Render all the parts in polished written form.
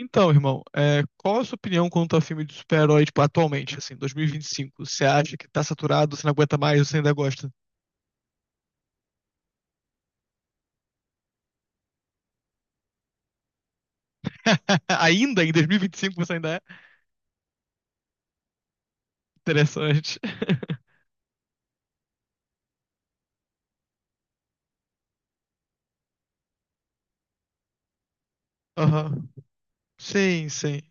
Então, irmão, qual a sua opinião quanto a filme de super-herói, tipo, atualmente, assim, 2025? Você acha que tá saturado, você não aguenta mais, ou você ainda gosta? Ainda em 2025 você ainda é? Interessante. Aham. Sim, sim.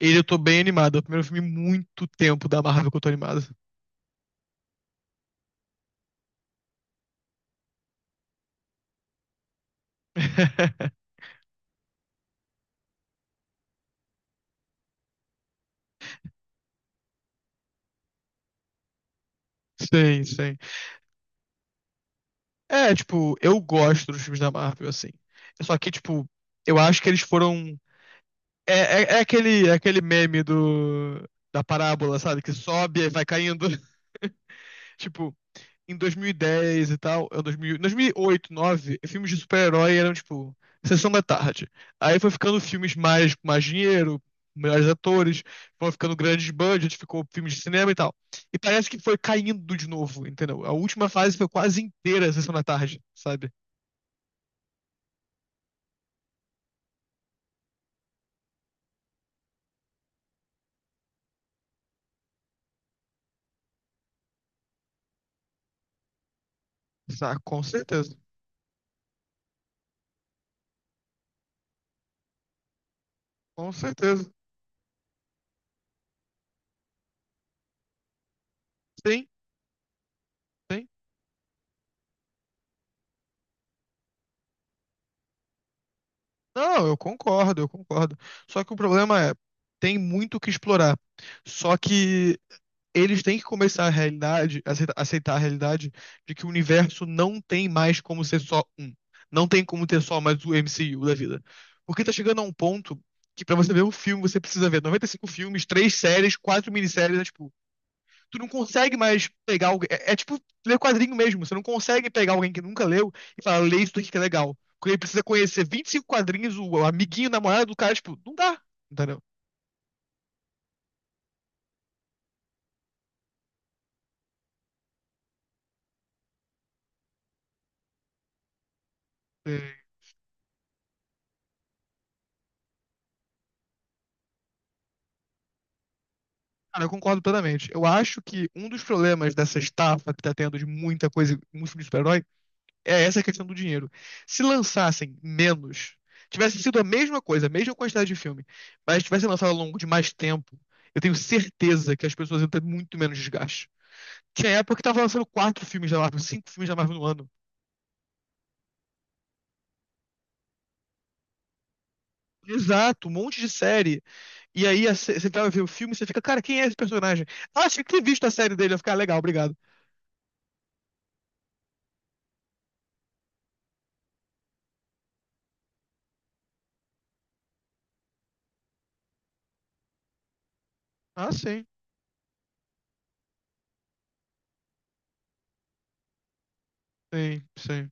Ele eu tô bem animado. É o primeiro filme em muito tempo da Marvel que eu tô animado. Sim, sim. É, tipo, eu gosto dos filmes da Marvel, assim. Só que, tipo, eu acho que eles foram. É aquele meme da parábola, sabe? Que sobe e vai caindo. Tipo, em 2010 e dez e tal, em 2000, 2008, 2009, filmes de super-herói eram, tipo, sessão da tarde. Aí foi ficando filmes mais, com mais dinheiro, melhores atores, foi ficando grandes budgets, ficou filmes de cinema e tal. E parece que foi caindo de novo, entendeu? A última fase foi quase inteira sessão da tarde, sabe? Ah, com certeza, com certeza. Sim, sim. Não, eu concordo, eu concordo. Só que o problema é, tem muito o que explorar. Só que eles têm que começar a realidade, aceitar a realidade de que o universo não tem mais como ser só um. Não tem como ter só mais o MCU da vida. Porque tá chegando a um ponto que pra você ver um filme, você precisa ver 95 filmes, três séries, quatro minisséries, né, tipo, tu não consegue mais pegar alguém. É tipo ler quadrinho mesmo. Você não consegue pegar alguém que nunca leu e falar, lê isso daqui que é legal. Porque ele precisa conhecer 25 quadrinhos, o amiguinho, o namorado do cara, tipo, não dá. Entendeu? É, Cara, eu concordo plenamente. Eu acho que um dos problemas dessa estafa que tá tendo de muita coisa, muito filme de super-herói, é essa questão do dinheiro. Se lançassem menos, tivesse sido a mesma coisa, a mesma quantidade de filme, mas tivesse lançado ao longo de mais tempo, eu tenho certeza que as pessoas iam ter muito menos desgaste. Tinha época que tava lançando quatro filmes da Marvel, cinco filmes da Marvel no ano. Exato, um monte de série. E aí você vai ver o filme e você fica, cara, quem é esse personagem? Ah, tinha que ter visto a série dele, eu ficar "Ah, legal, obrigado." Ah, sim, sim, sim.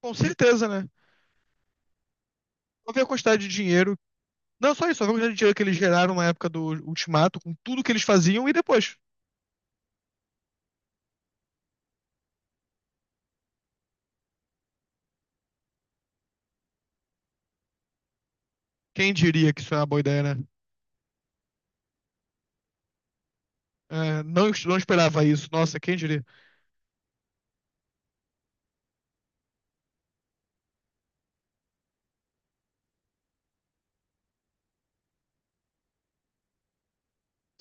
Com certeza, né? Vou ver a quantidade de dinheiro. Não só isso, só ver a quantidade de dinheiro que eles geraram na época do Ultimato, com tudo que eles faziam e depois. Quem diria que isso é uma boa ideia, né? É, não, não esperava isso. Nossa, quem diria?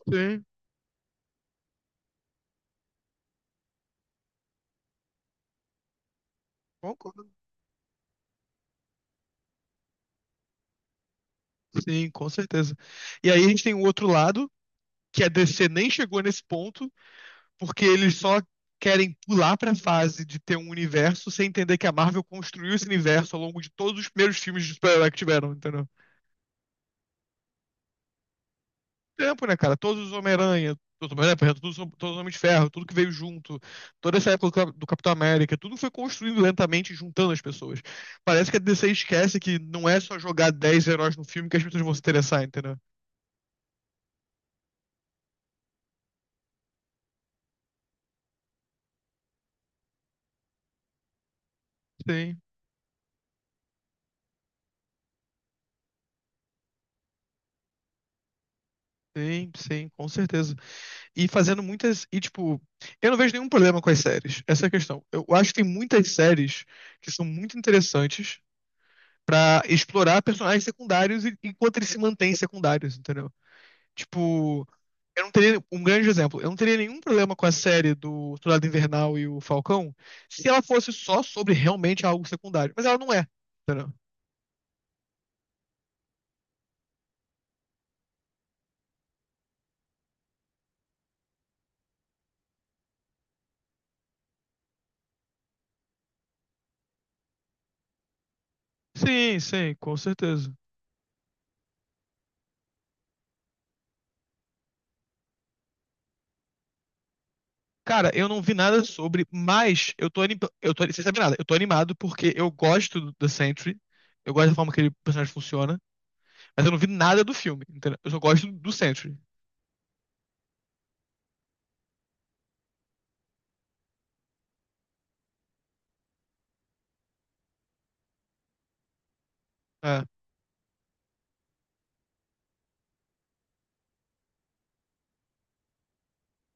Sim, concordo. Sim, com certeza. E aí a gente tem o outro lado, que a DC nem chegou nesse ponto porque eles só querem pular pra fase de ter um universo sem entender que a Marvel construiu esse universo ao longo de todos os primeiros filmes de super-herói que tiveram, entendeu? Tempo, né, cara? Todos os Homem-Aranha, por exemplo, todos, todos os Homens de Ferro, tudo que veio junto, toda essa época do Capitão América, tudo foi construído lentamente, juntando as pessoas. Parece que a DC esquece que não é só jogar 10 heróis no filme que as pessoas vão se interessar, entendeu? Sim, sim, sim, com certeza. E fazendo muitas. E, tipo, eu não vejo nenhum problema com as séries. Essa é a questão. Eu acho que tem muitas séries que são muito interessantes pra explorar personagens secundários enquanto eles se mantêm secundários, entendeu? Tipo, eu não teria. Um grande exemplo. Eu não teria nenhum problema com a série do Soldado Invernal e o Falcão se ela fosse só sobre realmente algo secundário. Mas ela não é, entendeu? Sim, sim, com certeza. Cara, eu não vi nada sobre, mas eu tô, eu tô, sem saber nada, eu tô animado porque eu gosto do The Sentry, eu gosto da forma que ele, o personagem funciona, mas eu não vi nada do filme, entendeu? Eu só gosto do Sentry. É,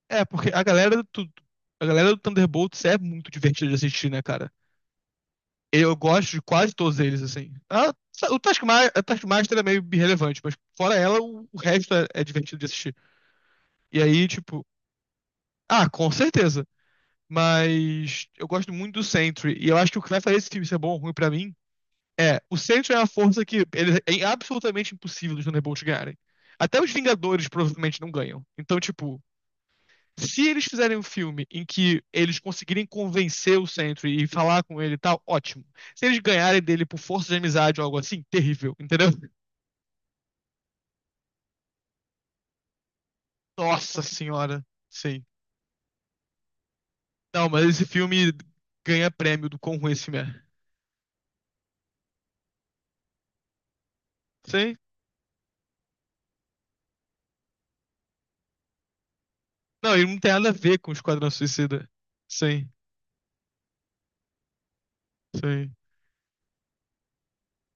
é porque a galera do Thunderbolts é muito divertida de assistir, né, cara? Eu gosto de quase todos eles, assim. Ah, o Taskmaster, a Taskmaster é meio irrelevante, mas fora ela, o resto é divertido de assistir. E aí, tipo, ah, com certeza. Mas eu gosto muito do Sentry. E eu acho que o que vai fazer esse filme ser bom ou ruim pra mim é. O Sentry é uma força que ele, é absolutamente impossível os Thunderbolts ganharem. Até os Vingadores provavelmente não ganham. Então, tipo, se eles fizerem um filme em que eles conseguirem convencer o Sentry e falar com ele e tal, ótimo. Se eles ganharem dele por força de amizade ou algo assim, terrível, entendeu? Nossa senhora. Sim. Não, mas esse filme ganha prêmio do quão ruim esse filme é. Sim. Não, ele não tem nada a ver com o Esquadrão Suicida. Sim. Sim.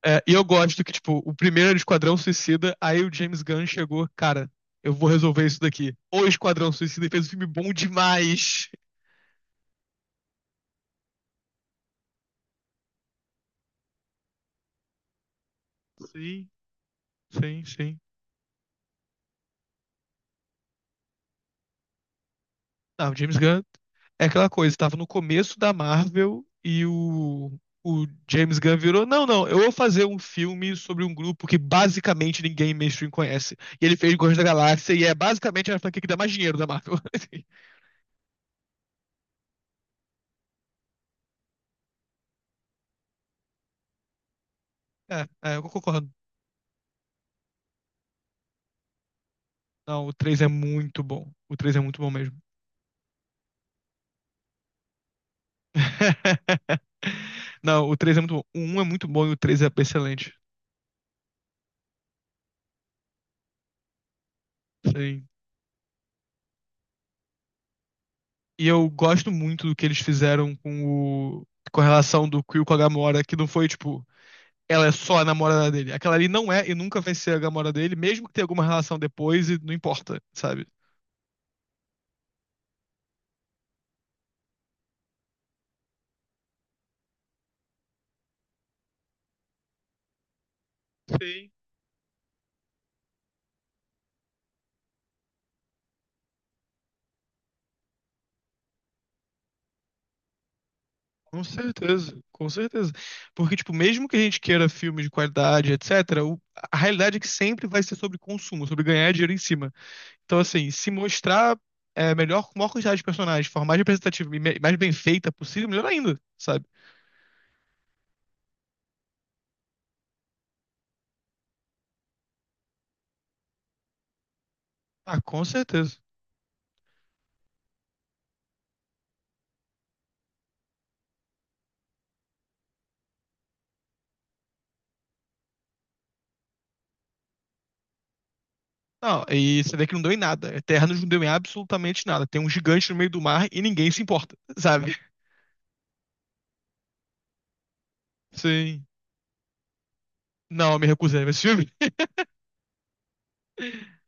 É, e eu gosto que, tipo, o primeiro era Esquadrão Suicida, aí o James Gunn chegou, cara, eu vou resolver isso daqui. O Esquadrão Suicida fez um filme bom demais. Sim, sim, sim. Não, o James Gunn é aquela coisa, tava no começo da Marvel o James Gunn virou, não, não, eu vou fazer um filme sobre um grupo que basicamente ninguém mainstream conhece. E ele fez Guardiões da Galáxia e é basicamente a franquia que dá mais dinheiro da Marvel. É, eu concordo. Não, o 3 é muito bom. O 3 é muito bom mesmo. Não, o 3 é muito bom. O 1 é muito bom e o 3 é excelente. Sim. E eu gosto muito do que eles fizeram com o... com a relação do Quill com a Gamora, que não foi tipo, ela é só a namorada dele. Aquela ali não é e nunca vai ser a Gamora dele, mesmo que tenha alguma relação depois e não importa, sabe? Sim, com certeza, com certeza. Porque, tipo, mesmo que a gente queira filmes de qualidade, etc., a realidade é que sempre vai ser sobre consumo, sobre ganhar dinheiro em cima. Então, assim, se mostrar melhor, com maior quantidade de personagens, de forma mais representativa e mais bem feita possível, melhor ainda, sabe? Ah, com certeza. Não, e você vê que não deu em nada. Eternos não deu em absolutamente nada. Tem um gigante no meio do mar e ninguém se importa, sabe? Sim. Não, eu me recusei a ver esse filme.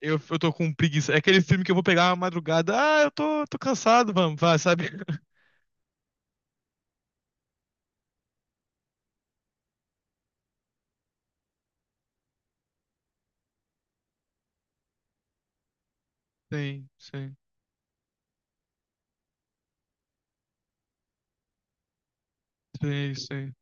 Eu tô com preguiça. É aquele filme que eu vou pegar uma madrugada. Ah, tô cansado, vamos, vai, sabe? Sim, sim, sim, sim,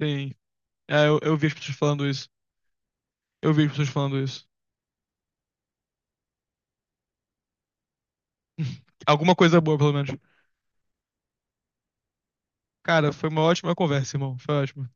sim. Eu vi as pessoas falando isso. Eu vi as pessoas falando isso. Alguma coisa boa, pelo menos. Cara, foi uma ótima conversa, irmão. Foi ótimo.